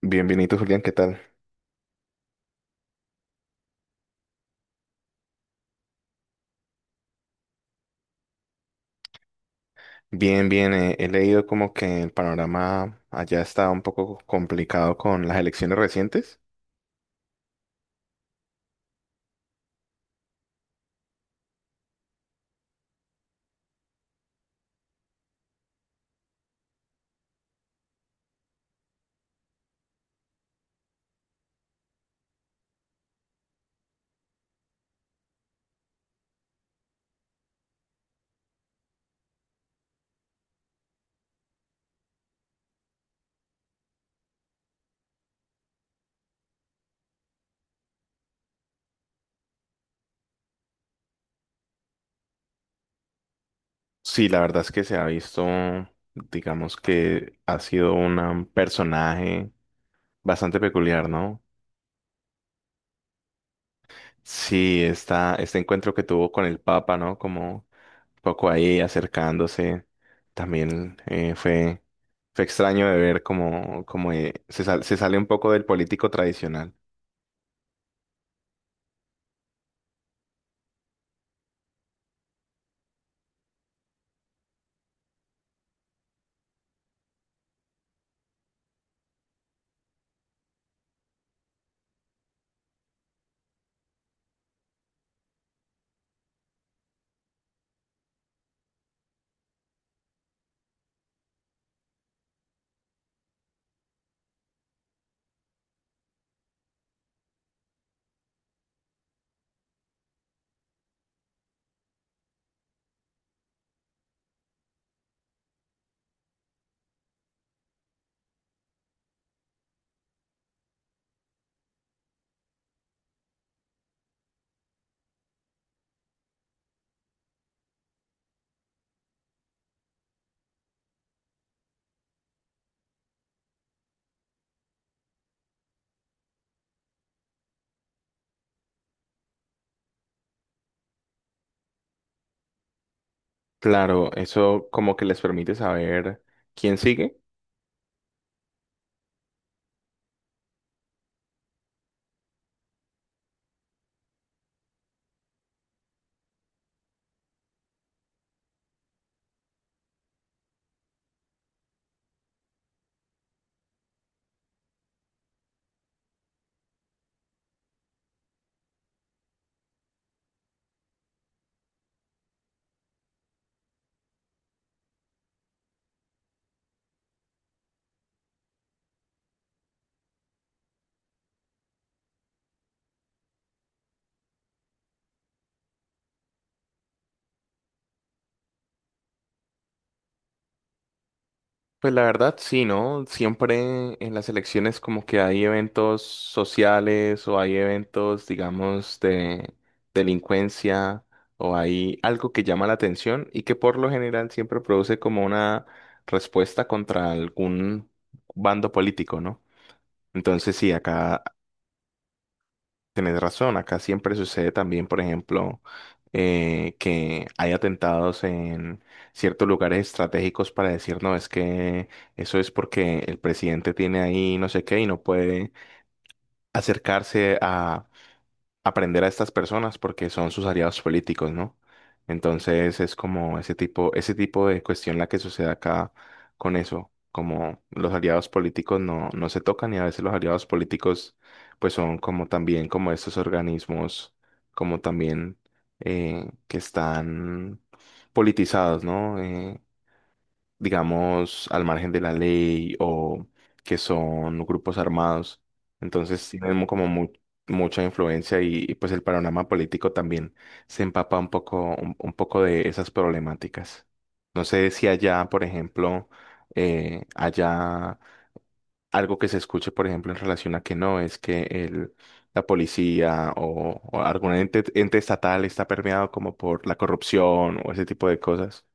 Bien, bien, Julián, ¿qué tal? Bien, bien, he leído como que el panorama allá está un poco complicado con las elecciones recientes. Sí, la verdad es que se ha visto, digamos que ha sido un personaje bastante peculiar, ¿no? Sí, este encuentro que tuvo con el Papa, ¿no? Como un poco ahí acercándose, también fue extraño de ver como se sale un poco del político tradicional. Claro, eso como que les permite saber quién sigue. Pues la verdad, sí, ¿no? Siempre en las elecciones como que hay eventos sociales o hay eventos, digamos, de delincuencia, o hay algo que llama la atención y que por lo general siempre produce como una respuesta contra algún bando político, ¿no? Entonces sí, acá, tienes razón, acá siempre sucede también, por ejemplo, que hay atentados en ciertos lugares estratégicos para decir, no, es que eso es porque el presidente tiene ahí no sé qué y no puede acercarse a aprender a estas personas porque son sus aliados políticos, ¿no? Entonces es como ese tipo de cuestión la que sucede acá con eso, como los aliados políticos no se tocan, y a veces los aliados políticos pues son como también como estos organismos, como también que están politizados, ¿no? Digamos, al margen de la ley o que son grupos armados. Entonces tienen como mucha influencia, pues el panorama político también se empapa un poco, un poco de esas problemáticas. No sé si allá, por ejemplo, allá algo que se escuche, por ejemplo, en relación a que no, es que la policía o algún ente estatal está permeado como por la corrupción o ese tipo de cosas.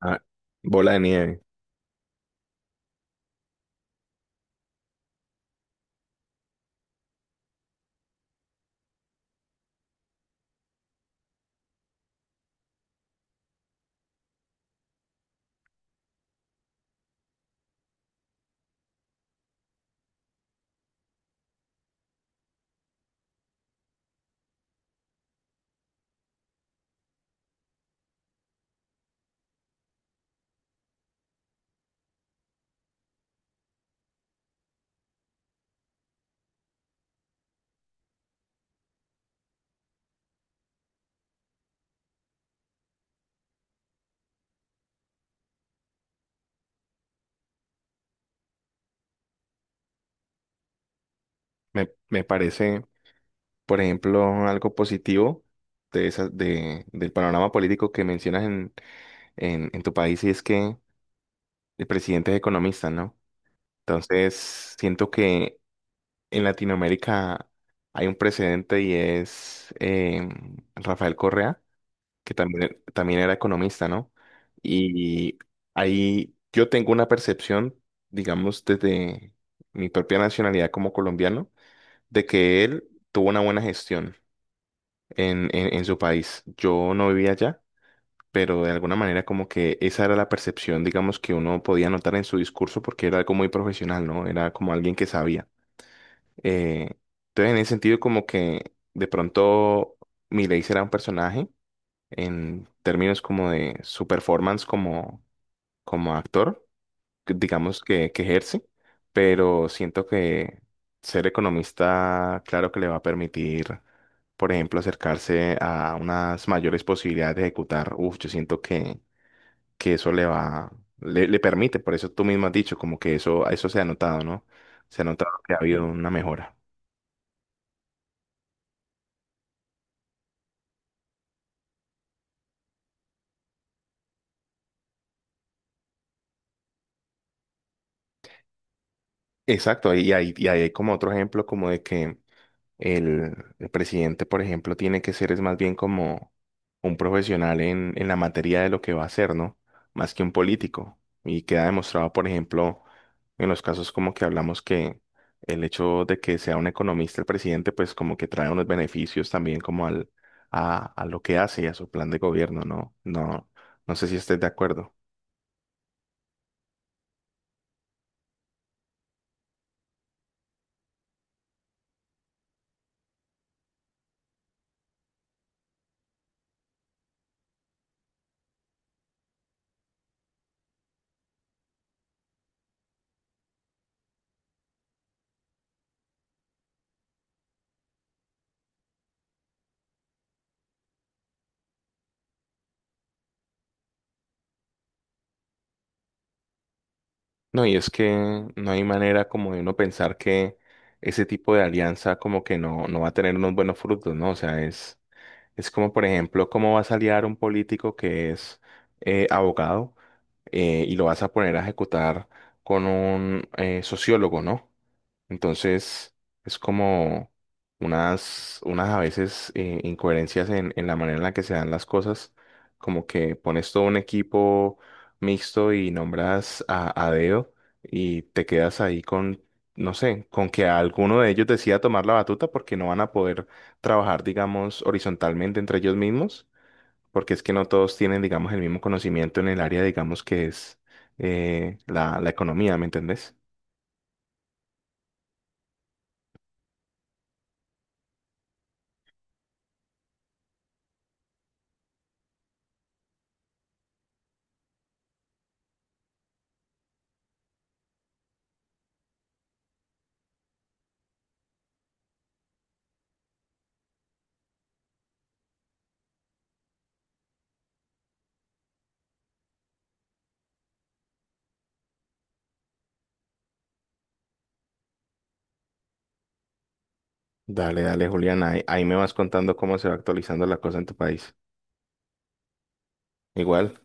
Ah, bola de nieve. Me parece, por ejemplo, algo positivo del panorama político que mencionas en tu país, y es que el presidente es economista, ¿no? Entonces, siento que en Latinoamérica hay un precedente, y es Rafael Correa, que también era economista, ¿no? Y ahí yo tengo una percepción, digamos, desde mi propia nacionalidad como colombiano, de que él tuvo una buena gestión en su país. Yo no vivía allá, pero de alguna manera como que esa era la percepción, digamos, que uno podía notar en su discurso porque era algo muy profesional, ¿no? Era como alguien que sabía. Eh, entonces, en ese sentido, como que de pronto Milei será un personaje en términos como de su performance como actor digamos, que ejerce, pero siento que ser economista, claro que le va a permitir, por ejemplo, acercarse a unas mayores posibilidades de ejecutar. Uf, yo siento que eso le va, le permite, por eso tú mismo has dicho, como que eso se ha notado, ¿no? Se ha notado que ha habido una mejora. Exacto, y hay como otro ejemplo como de que el presidente, por ejemplo, tiene que ser es más bien como un profesional en la materia de lo que va a hacer, ¿no? Más que un político. Y queda demostrado, por ejemplo, en los casos como que hablamos que el hecho de que sea un economista el presidente, pues como que trae unos beneficios también como a lo que hace y a su plan de gobierno, ¿no? No, no sé si estés de acuerdo. No, y es que no hay manera como de uno pensar que ese tipo de alianza como que no, no va a tener unos buenos frutos, ¿no? O sea, es como, por ejemplo, cómo vas a aliar un político que es abogado, y lo vas a poner a ejecutar con un sociólogo, ¿no? Entonces, es como unas a veces incoherencias en la manera en la que se dan las cosas, como que pones todo un equipo mixto y nombras a dedo y te quedas ahí con, no sé, con que alguno de ellos decida tomar la batuta porque no van a poder trabajar, digamos, horizontalmente entre ellos mismos, porque es que no todos tienen, digamos, el mismo conocimiento en el área, digamos, que es la economía, ¿me entendés? Dale, dale, Julián, ahí me vas contando cómo se va actualizando la cosa en tu país. Igual,